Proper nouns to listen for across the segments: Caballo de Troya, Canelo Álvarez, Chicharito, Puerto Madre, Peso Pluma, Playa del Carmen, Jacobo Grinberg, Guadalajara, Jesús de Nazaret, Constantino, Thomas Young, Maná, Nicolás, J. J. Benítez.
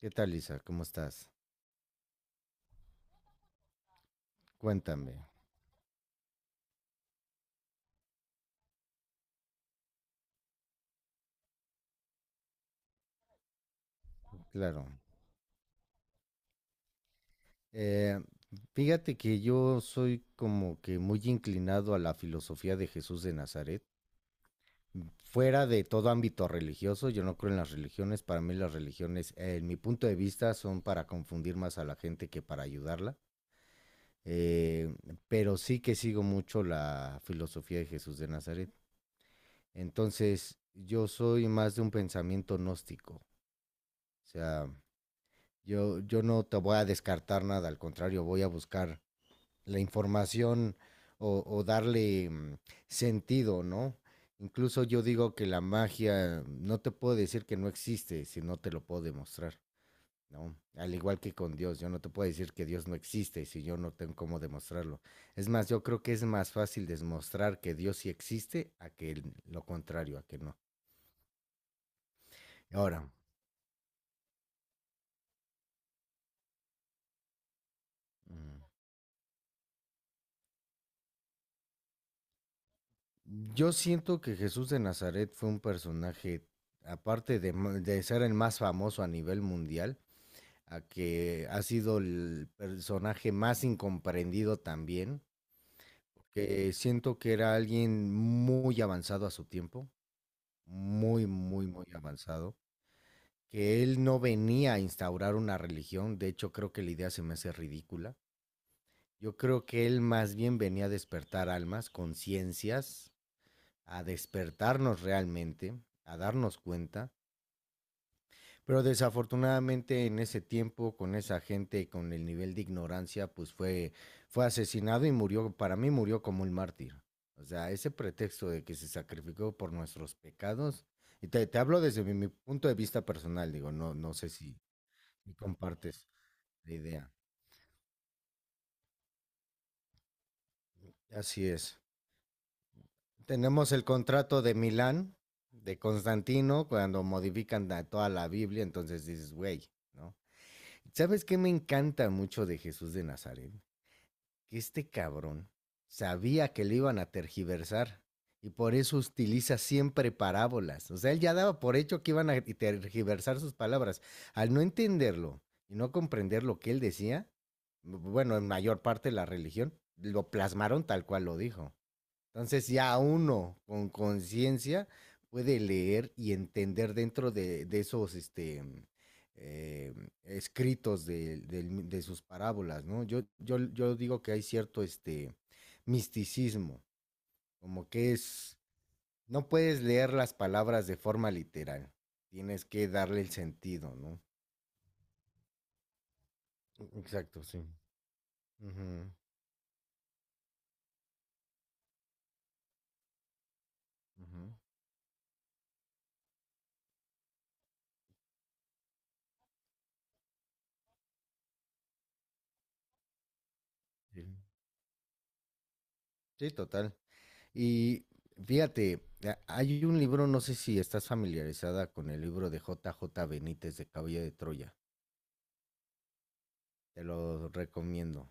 ¿Qué tal, Lisa? ¿Cómo estás? Cuéntame. Claro. Eh, Fíjate que yo soy como que muy inclinado a la filosofía de Jesús de Nazaret. Fuera de todo ámbito religioso, yo no creo en las religiones. Para mí las religiones, en mi punto de vista, son para confundir más a la gente que para ayudarla. Eh, pero sí que sigo mucho la filosofía de Jesús de Nazaret. Entonces, yo soy más de un pensamiento gnóstico. O sea, yo no te voy a descartar nada, al contrario, voy a buscar la información o darle sentido, ¿no? Incluso yo digo que la magia no te puedo decir que no existe si no te lo puedo demostrar, ¿no? Al igual que con Dios, yo no te puedo decir que Dios no existe si yo no tengo cómo demostrarlo. Es más, yo creo que es más fácil demostrar que Dios sí existe a que lo contrario, a que no. Ahora, mm, yo siento que Jesús de Nazaret fue un personaje, aparte de, de ser el más famoso a nivel mundial, a que ha sido el personaje más incomprendido también, que siento que era alguien muy avanzado a su tiempo, muy avanzado, que él no venía a instaurar una religión, de hecho creo que la idea se me hace ridícula. Yo creo que él más bien venía a despertar almas, conciencias, a despertarnos realmente, a darnos cuenta, pero desafortunadamente en ese tiempo con esa gente con el nivel de ignorancia pues fue asesinado y murió, para mí murió como un mártir. O sea, ese pretexto de que se sacrificó por nuestros pecados, y te hablo desde mi punto de vista personal, digo, no sé si si compartes la idea. Así es. Tenemos el contrato de Milán, de Constantino, cuando modifican toda la Biblia, entonces dices, güey, ¿no? ¿Sabes qué me encanta mucho de Jesús de Nazaret? Que este cabrón sabía que le iban a tergiversar y por eso utiliza siempre parábolas. O sea, él ya daba por hecho que iban a tergiversar sus palabras. Al no entenderlo y no comprender lo que él decía, bueno, en mayor parte la religión, lo plasmaron tal cual lo dijo. Entonces ya uno con conciencia puede leer y entender dentro de esos eh, escritos de sus parábolas, ¿no? Yo digo que hay cierto este, misticismo, como que es, no puedes leer las palabras de forma literal, tienes que darle el sentido, ¿no? Exacto, sí. Ujú, ujú, sí. Sí, total. Y fíjate, hay un libro, no sé si estás familiarizada con el libro de J. J. Benítez de Caballo de Troya. Te lo recomiendo.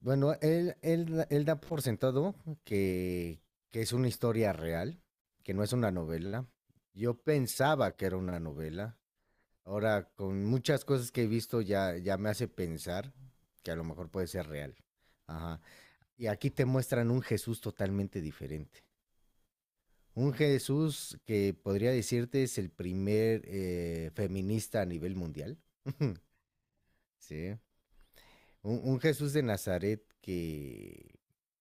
Bueno, él da por sentado que, que es una historia real, que no es una novela. Yo pensaba que era una novela. Ahora, con muchas cosas que he visto, ya me hace pensar que a lo mejor puede ser real. Ajá. Y aquí te muestran un Jesús totalmente diferente. Un Jesús que podría decirte es el primer feminista a nivel mundial, ¿sí? Un Jesús de Nazaret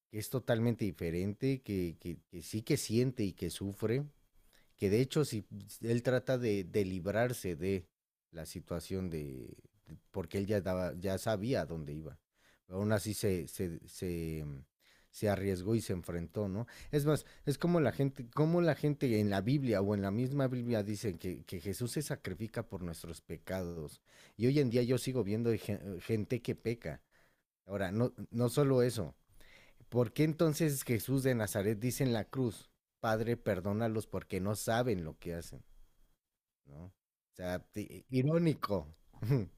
que es totalmente diferente, que sí que siente y que sufre, que de hecho si si él trata de librarse de la situación porque él ya daba, ya sabía a dónde iba. Pero aún así se arriesgó y se enfrentó, ¿no? Es más, es como la gente en la Biblia o en la misma Biblia dicen que Jesús se sacrifica por nuestros pecados. Y hoy en día yo sigo viendo gente que peca. Ahora, no solo eso, ¿por qué entonces Jesús de Nazaret dice en la cruz, Padre, perdónalos porque no saben lo que hacen? ¿No? O sea, irónico.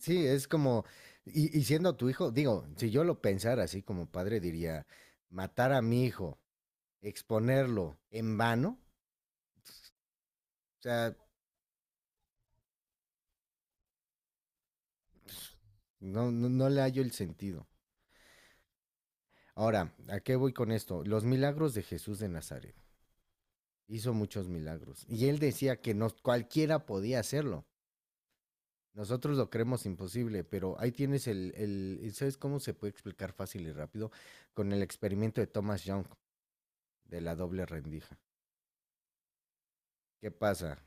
Sí, es como, siendo tu hijo, digo, si yo lo pensara así como padre, diría, matar a mi hijo, exponerlo en vano, o sea, no le hallo el sentido. Ahora, ¿a qué voy con esto? Los milagros de Jesús de Nazaret. Hizo muchos milagros. Y él decía que no, cualquiera podía hacerlo. Nosotros lo creemos imposible, pero ahí tienes ¿sabes cómo se puede explicar fácil y rápido? Con el experimento de Thomas Young de la doble rendija. ¿Qué pasa?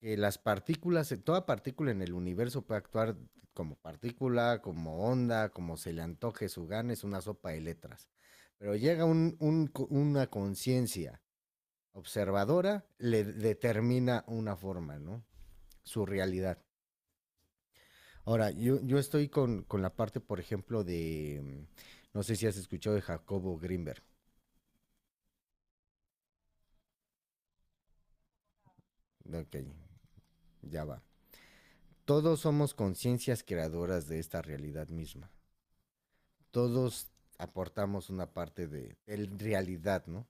Que las partículas, toda partícula en el universo puede actuar como partícula, como onda, como se le antoje su gana, es una sopa de letras. Pero llega una conciencia observadora, le determina una forma, ¿no? Su realidad. Ahora, yo estoy con la parte, por ejemplo, de, no sé si has escuchado de Jacobo Grinberg. Ok, ya va. Todos somos conciencias creadoras de esta realidad misma. Todos aportamos una parte de realidad, ¿no?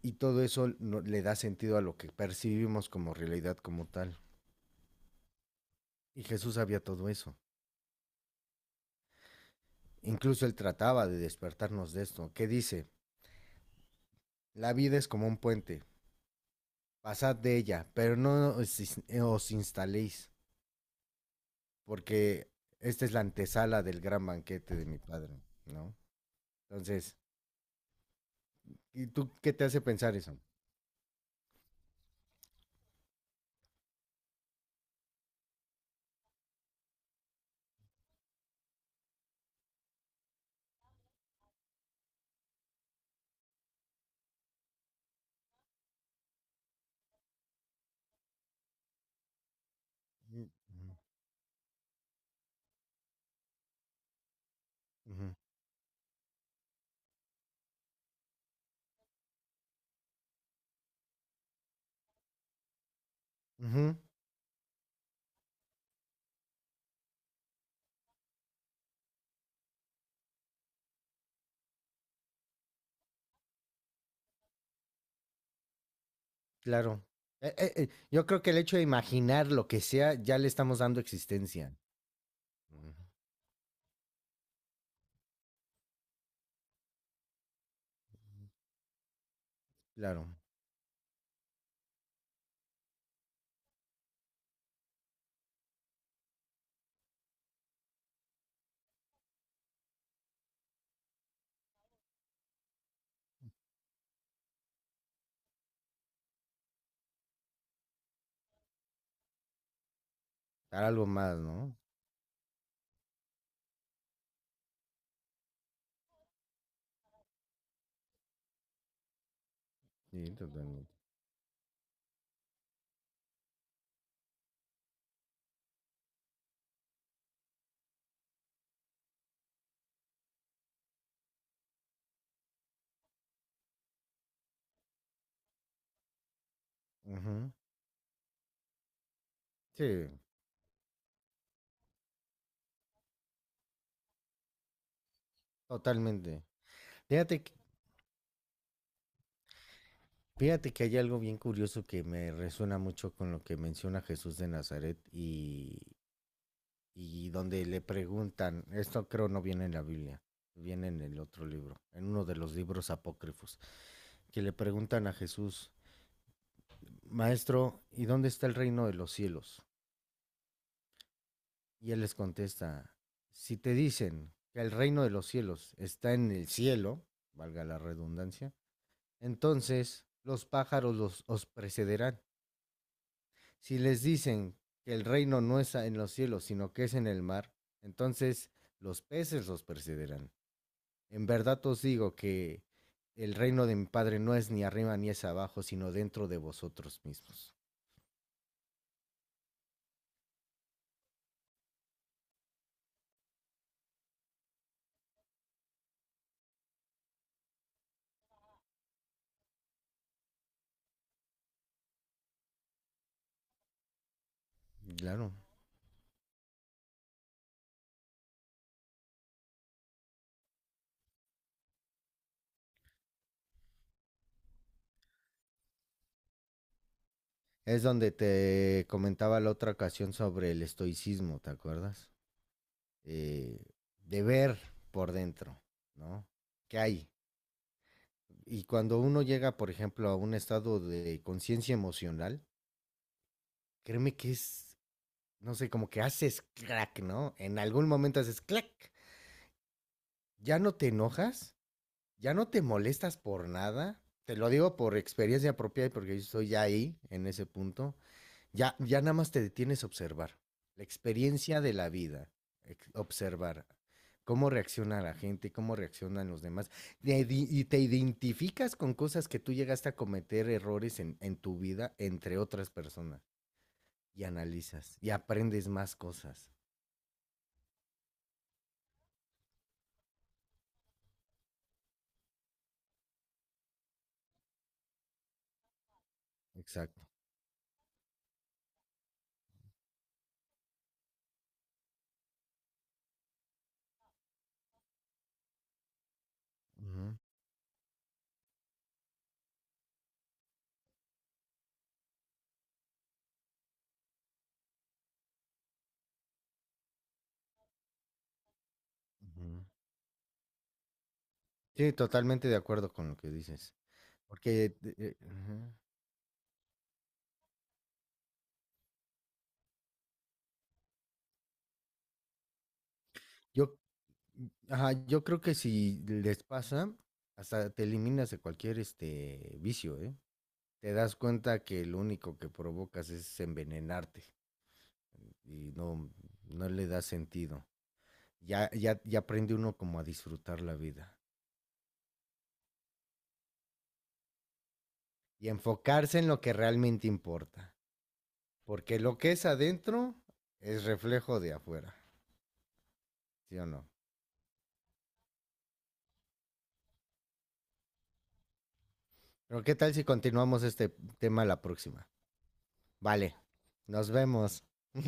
Y todo eso le da sentido a lo que percibimos como realidad como tal. Y Jesús sabía todo eso. Incluso él trataba de despertarnos de esto. ¿Qué dice? La vida es como un puente. Pasad de ella, pero no os instaléis porque esta es la antesala del gran banquete de mi padre, ¿no? Entonces, ¿y tú qué te hace pensar eso? Ujú, ujú, ujú, claro. Yo creo que el hecho de imaginar lo que sea, ya le estamos dando existencia. Ujú, claro, dar algo más, ¿no? Sí, totalmente. Ujú, sí, totalmente. Fíjate, que- fíjate que hay algo bien curioso que me resuena mucho con lo que menciona Jesús de Nazaret y donde le preguntan, esto creo no viene en la Biblia, viene en el otro libro, en uno de los libros apócrifos, que le preguntan a Jesús, Maestro, ¿y dónde está el reino de los cielos? Y él les contesta, si te dicen que el reino de los cielos está en el cielo, valga la redundancia, entonces los pájaros os precederán. Si les dicen que el reino no está en los cielos, sino que es en el mar, entonces los peces los precederán. En verdad os digo que el reino de mi Padre no es ni arriba ni es abajo, sino dentro de vosotros mismos. Claro. Es donde te comentaba la otra ocasión sobre el estoicismo, ¿te acuerdas? Eh, de ver por dentro, ¿no? ¿Qué hay? Y cuando uno llega, por ejemplo, a un estado de conciencia emocional, créeme que es, no sé, como que haces crack, ¿no? En algún momento haces crack. Ya no te enojas, ya no te molestas por nada. Te lo digo por experiencia propia y porque yo estoy ya ahí, en ese punto. Ya nada más te detienes a observar. La experiencia de la vida, observar cómo reacciona la gente, cómo reaccionan los demás. Y te identificas con cosas que tú llegaste a cometer errores en tu vida entre otras personas. Y analizas y aprendes más cosas. Exacto. Ujú, ujú. Sí, totalmente de acuerdo con lo que dices. Porque, ujú. Yo, ajá, yo creo que si les pasa, hasta te eliminas de cualquier este vicio, ¿eh? Te das cuenta que lo único que provocas es envenenarte y no, no le da sentido. Ya aprende uno como a disfrutar la vida y enfocarse en lo que realmente importa, porque lo que es adentro es reflejo de afuera, ¿sí o no? Pero ¿qué tal si continuamos este tema la próxima? Vale, nos vemos.